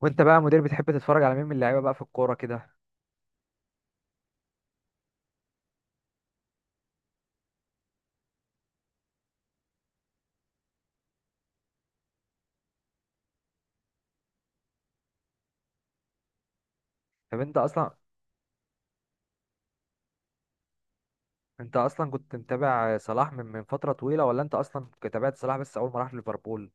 وانت بقى مدير بتحب تتفرج على مين من اللعيبه بقى في الكوره كده؟ طب انت اصلا كنت متابع صلاح من فتره طويله، ولا انت اصلا تابعت صلاح بس اول ما راح ليفربول؟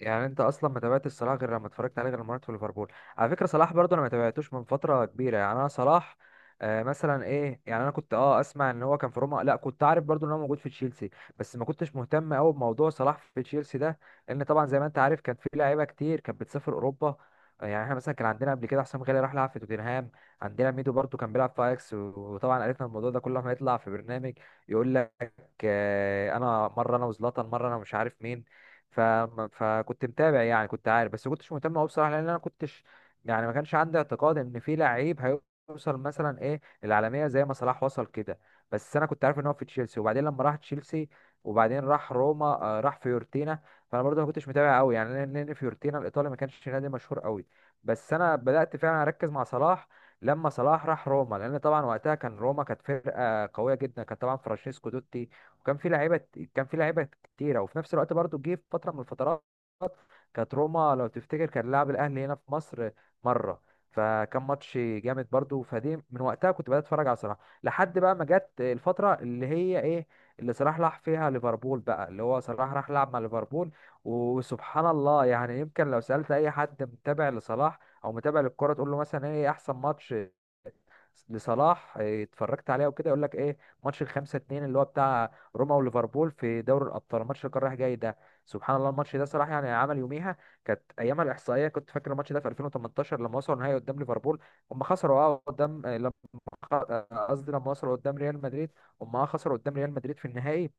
يعني انت اصلا ما تابعتش صلاح غير لما اتفرجت عليه غير مرات في ليفربول، على فكره صلاح برضه انا ما تابعتوش من فتره كبيره، يعني انا صلاح مثلا ايه، يعني انا كنت اسمع ان هو كان في روما، لا كنت عارف برضه ان هو موجود في تشيلسي. بس ما كنتش مهتم قوي بموضوع صلاح في تشيلسي ده، لان طبعا زي ما انت عارف كان في لعيبه كتير كانت بتسافر اوروبا. يعني احنا مثلا كان عندنا قبل كده حسام غالي راح لعب في توتنهام، عندنا ميدو برضه كان بيلعب في اياكس وطبعا عرفنا الموضوع ده كل ما يطلع في برنامج يقول لك انا مره انا وزلاتان، مره انا مش عارف مين. ف... فكنت متابع، يعني كنت عارف بس كنتش مهتم قوي بصراحه، لان انا كنتش يعني ما كانش عندي اعتقاد ان في لعيب هيوصل مثلا ايه العالميه زي ما صلاح وصل كده. بس انا كنت عارف ان هو في تشيلسي، وبعدين لما راح تشيلسي وبعدين راح روما، راح فيورتينا، فانا برضه ما كنتش متابع قوي يعني، لأن فيورتينا الايطالي ما كانش نادي مشهور قوي. بس انا بدات فعلا اركز مع صلاح لما صلاح راح روما، لان طبعا وقتها كان روما كانت فرقه قويه جدا، كان طبعا فرانشيسكو توتي وكان في لعيبه، كان في لعيبه كتيره، وفي نفس الوقت برضو جه في فتره من الفترات كانت روما لو تفتكر كان لاعب الاهلي هنا في مصر مره، فكان ماتش جامد برضو، فدي من وقتها كنت بدات اتفرج على صلاح لحد بقى ما جت الفتره اللي هي ايه، اللي صلاح راح فيها ليفربول بقى، اللي هو صلاح راح لعب مع ليفربول. وسبحان الله، يعني يمكن لو سالت اي حد متابع لصلاح او متابع للكوره تقول له مثلا ايه احسن ماتش لصلاح اتفرجت عليها وكده، يقول لك ايه ماتش الخمسة اتنين اللي هو بتاع روما وليفربول في دوري الابطال، الماتش اللي كان رايح جاي ده. سبحان الله الماتش ده صلاح يعني عمل يوميها، كانت ايامها الاحصائيه، كنت فاكر الماتش ده في 2018 لما وصلوا النهائي قدام ليفربول، هم خسروا قدام، آه، لما خ- آه، قصدي لما وصلوا قدام ريال مدريد، هم خسروا قدام ريال مدريد في النهائي.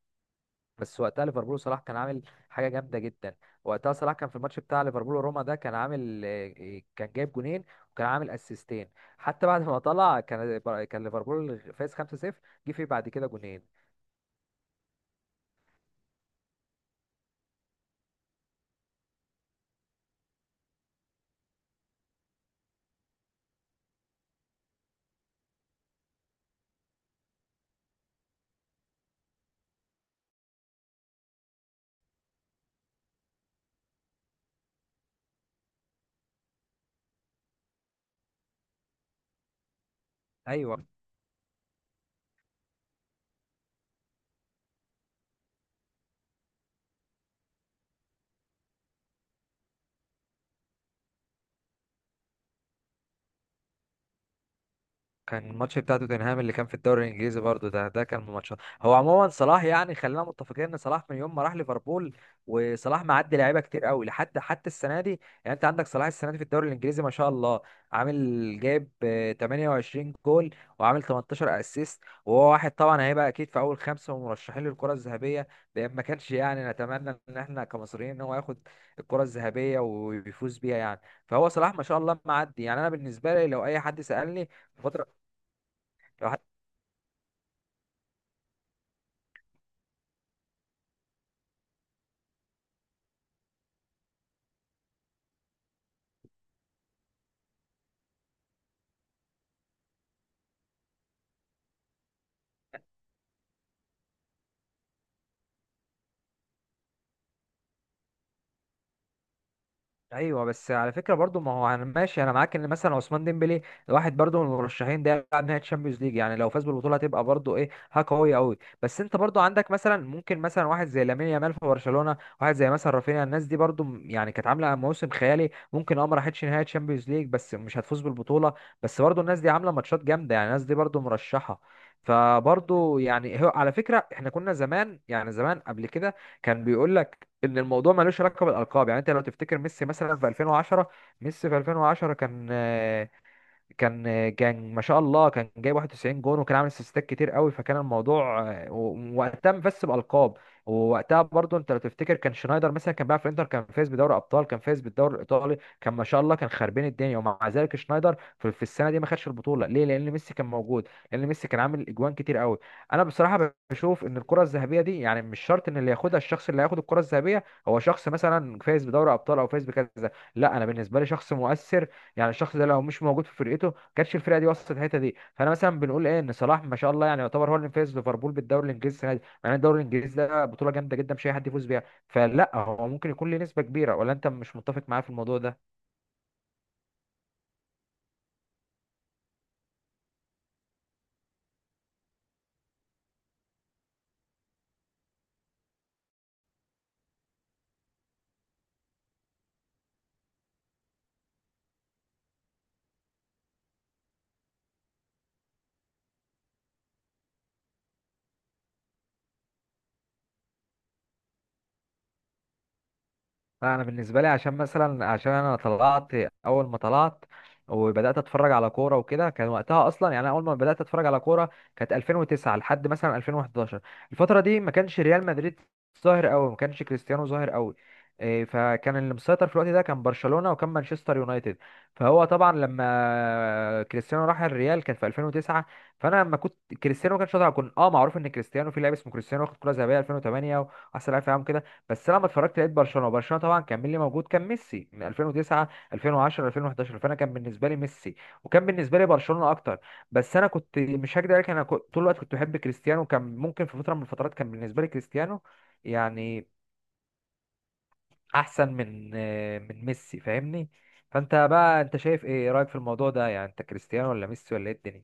بس وقتها ليفربول صلاح كان عامل حاجه جامده جدا، وقتها صلاح كان في الماتش بتاع ليفربول وروما ده كان عامل، كان جايب جونين وكان عامل اسيستين، حتى بعد ما طلع كان ليفربول فاز 5-0، جه فيه بعد كده جونين. ايوه، كان الماتش بتاع توتنهام اللي كان في الدوري الانجليزي برضو ده كان من ماتشات، هو عموما صلاح يعني خلينا متفقين ان صلاح من يوم ما راح ليفربول وصلاح معدي لعيبه كتير قوي لحد حتى السنه دي. يعني انت عندك صلاح السنه دي في الدوري الانجليزي ما شاء الله عامل جايب 28 جول وعامل 18 اسيست، وهو واحد طبعا هيبقى اكيد في اول خمسه ومرشحين للكره الذهبيه، لان ما كانش يعني نتمنى ان احنا كمصريين ان هو ياخد الكره الذهبيه ويفوز بيها يعني. فهو صلاح ما شاء الله معدي، يعني انا بالنسبه لي لو اي حد سالني الفترة الواحد- ايوه بس على فكره برضو، ما هو انا ماشي انا معاك ان مثلا عثمان ديمبلي الواحد برضو من المرشحين ده يلعب نهائي تشامبيونز ليج، يعني لو فاز بالبطوله هتبقى برضو ايه حاجه قويه قوي، بس انت برضو عندك مثلا ممكن مثلا واحد زي لامين يامال في برشلونه، واحد زي مثلا رافينيا، الناس دي برضو يعني كانت عامله موسم خيالي، ممكن ما راحتش نهائي تشامبيونز ليج بس مش هتفوز بالبطوله، بس برضو الناس دي عامله ماتشات جامده يعني الناس دي برضو مرشحه. فبرضو يعني هو على فكره احنا كنا زمان يعني زمان قبل كده كان بيقول ان الموضوع ملوش علاقه بالالقاب. يعني انت لو تفتكر ميسي مثلا في 2010، ميسي في 2010 كان، كان ما شاء الله كان جايب 91 جون، وكان عامل اسيستات كتير قوي، فكان الموضوع، وقتها مفس بالقاب. ووقتها برضو انت لو تفتكر كان شنايدر مثلا كان بيلعب في الانتر، كان فايز بدوري ابطال، كان فايز بالدوري الايطالي، كان ما شاء الله كان خربين الدنيا، ومع ذلك شنايدر في السنه دي ما خدش البطوله. ليه؟ لان ميسي كان موجود، لان ميسي كان عامل اجوان كتير قوي. انا بصراحه بشوف ان الكره الذهبيه دي يعني مش شرط ان اللي ياخدها الشخص اللي هياخد الكره الذهبيه هو شخص مثلا فايز بدوري ابطال او فايز بكذا، لا انا بالنسبه لي شخص مؤثر، يعني الشخص ده لو مش موجود في فرقته كانتش الفرقه دي وصلت الحته دي. فانا مثلا بنقول ايه ان صلاح ما شاء الله يعني يعتبر هو اللي فاز ليفربول بالدوري الانجليزي السنه دي، يعني الدوري الانجليزي ده بطوله جامده جدا مش اي حد يفوز بيها، فلا هو ممكن يكون له نسبه كبيره، ولا انت مش متفق معايا في الموضوع ده؟ لا انا بالنسبه لي عشان مثلا، عشان انا طلعت اول ما طلعت وبدات اتفرج على كوره وكده كان وقتها اصلا، يعني أنا اول ما بدات اتفرج على كوره كانت 2009 لحد مثلا 2011، الفتره دي ما كانش ريال مدريد ظاهر قوي، ما كانش كريستيانو ظاهر قوي، فكان اللي مسيطر في الوقت ده كان برشلونه وكان مانشستر يونايتد. فهو طبعا لما كريستيانو راح الريال كان في 2009، فانا لما كنت كريستيانو ما كانش طالع كنت معروف ان كريستيانو في لاعب اسمه كريستيانو واخد كره ذهبيه 2008 واحسن لاعب في العالم، بس انا لما اتفرجت لقيت برشلونه، وبرشلونه طبعا كان مين اللي موجود، كان ميسي من 2009 2010 2011، فانا كان بالنسبه لي ميسي وكان بالنسبه لي برشلونه اكتر. بس انا كنت مش هكدب عليك انا كنت طول الوقت كنت بحب كريستيانو، وكان ممكن في فتره من الفترات كان بالنسبه لي كريستيانو يعني احسن من من ميسي، فاهمني؟ فانت بقى انت شايف ايه، إيه رايك في الموضوع ده؟ يعني انت كريستيانو ولا ميسي ولا ايه الدنيا؟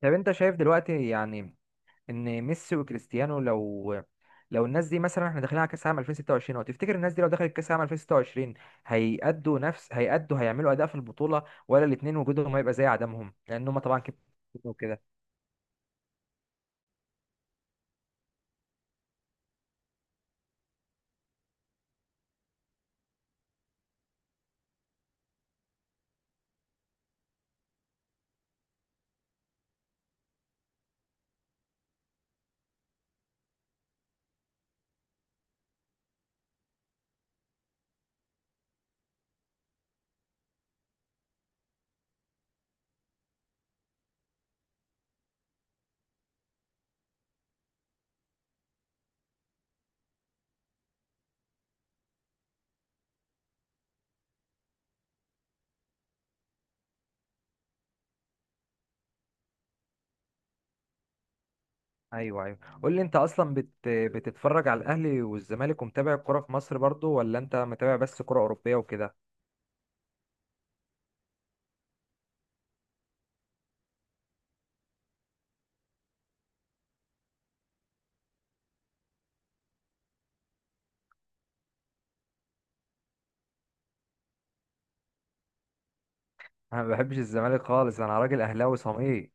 طب انت شايف دلوقتي يعني ان ميسي وكريستيانو لو، الناس دي مثلا، احنا داخلين على كاس عام 2026 اهو، تفتكر الناس دي لو دخلت كاس عام 2026 هيأدوا نفس، هيعملوا اداء في البطوله، ولا الاثنين وجودهم هيبقى زي عدمهم لان هم طبعا كده وكده؟ ايوه ايوه، قول لي انت اصلا بتتفرج على الاهلي والزمالك ومتابع الكوره في مصر برضو، ولا انت متابع بس كوره اوروبيه وكده؟ انا ما بحبش الزمالك خالص، انا راجل اهلاوي صميم،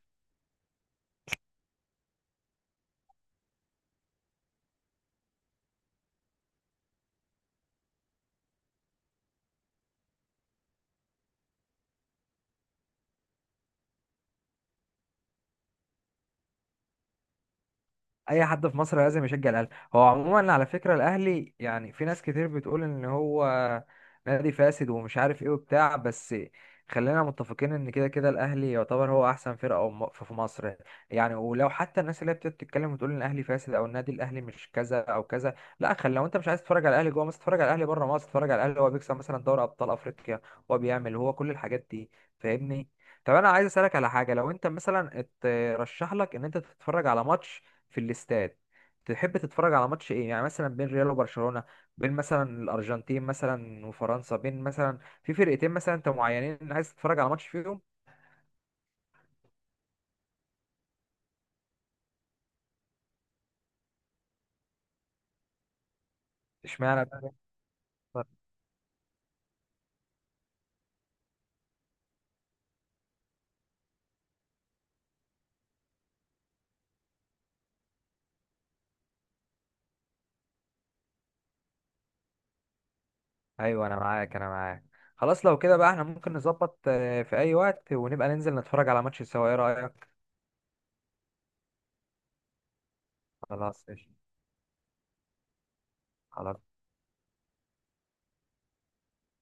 اي حد في مصر لازم يشجع الاهلي. هو عموما على فكره الاهلي، يعني في ناس كتير بتقول ان هو نادي فاسد ومش عارف ايه وبتاع، بس خلينا متفقين ان كده كده الاهلي يعتبر هو احسن فرقه في مصر. يعني ولو حتى الناس اللي هي بتقعد تتكلم وتقول ان الاهلي فاسد او النادي الاهلي مش كذا او كذا، لا خلي، لو انت مش عايز تتفرج على الاهلي جوه مصر اتفرج على الاهلي بره مصر، اتفرج على الاهلي هو بيكسب مثلا دوري ابطال افريقيا، هو بيعمل هو كل الحاجات دي، فاهمني؟ طب انا عايز اسالك على حاجه، لو انت مثلا اترشح لك ان انت تتفرج على ماتش في الاستاد تحب تتفرج على ماتش ايه، يعني مثلا بين ريال وبرشلونة، بين مثلا الارجنتين مثلا وفرنسا، بين مثلا في فرقتين مثلا انت معينين عايز تتفرج على ماتش فيهم؟ اشمعنى بقى ريال وبرشلونة؟ ايوه انا معاك انا معاك، خلاص لو كده بقى احنا ممكن نظبط في اي وقت ونبقى ننزل نتفرج على ماتش سوا، ايه رأيك؟ خلاص قشطة. خلاص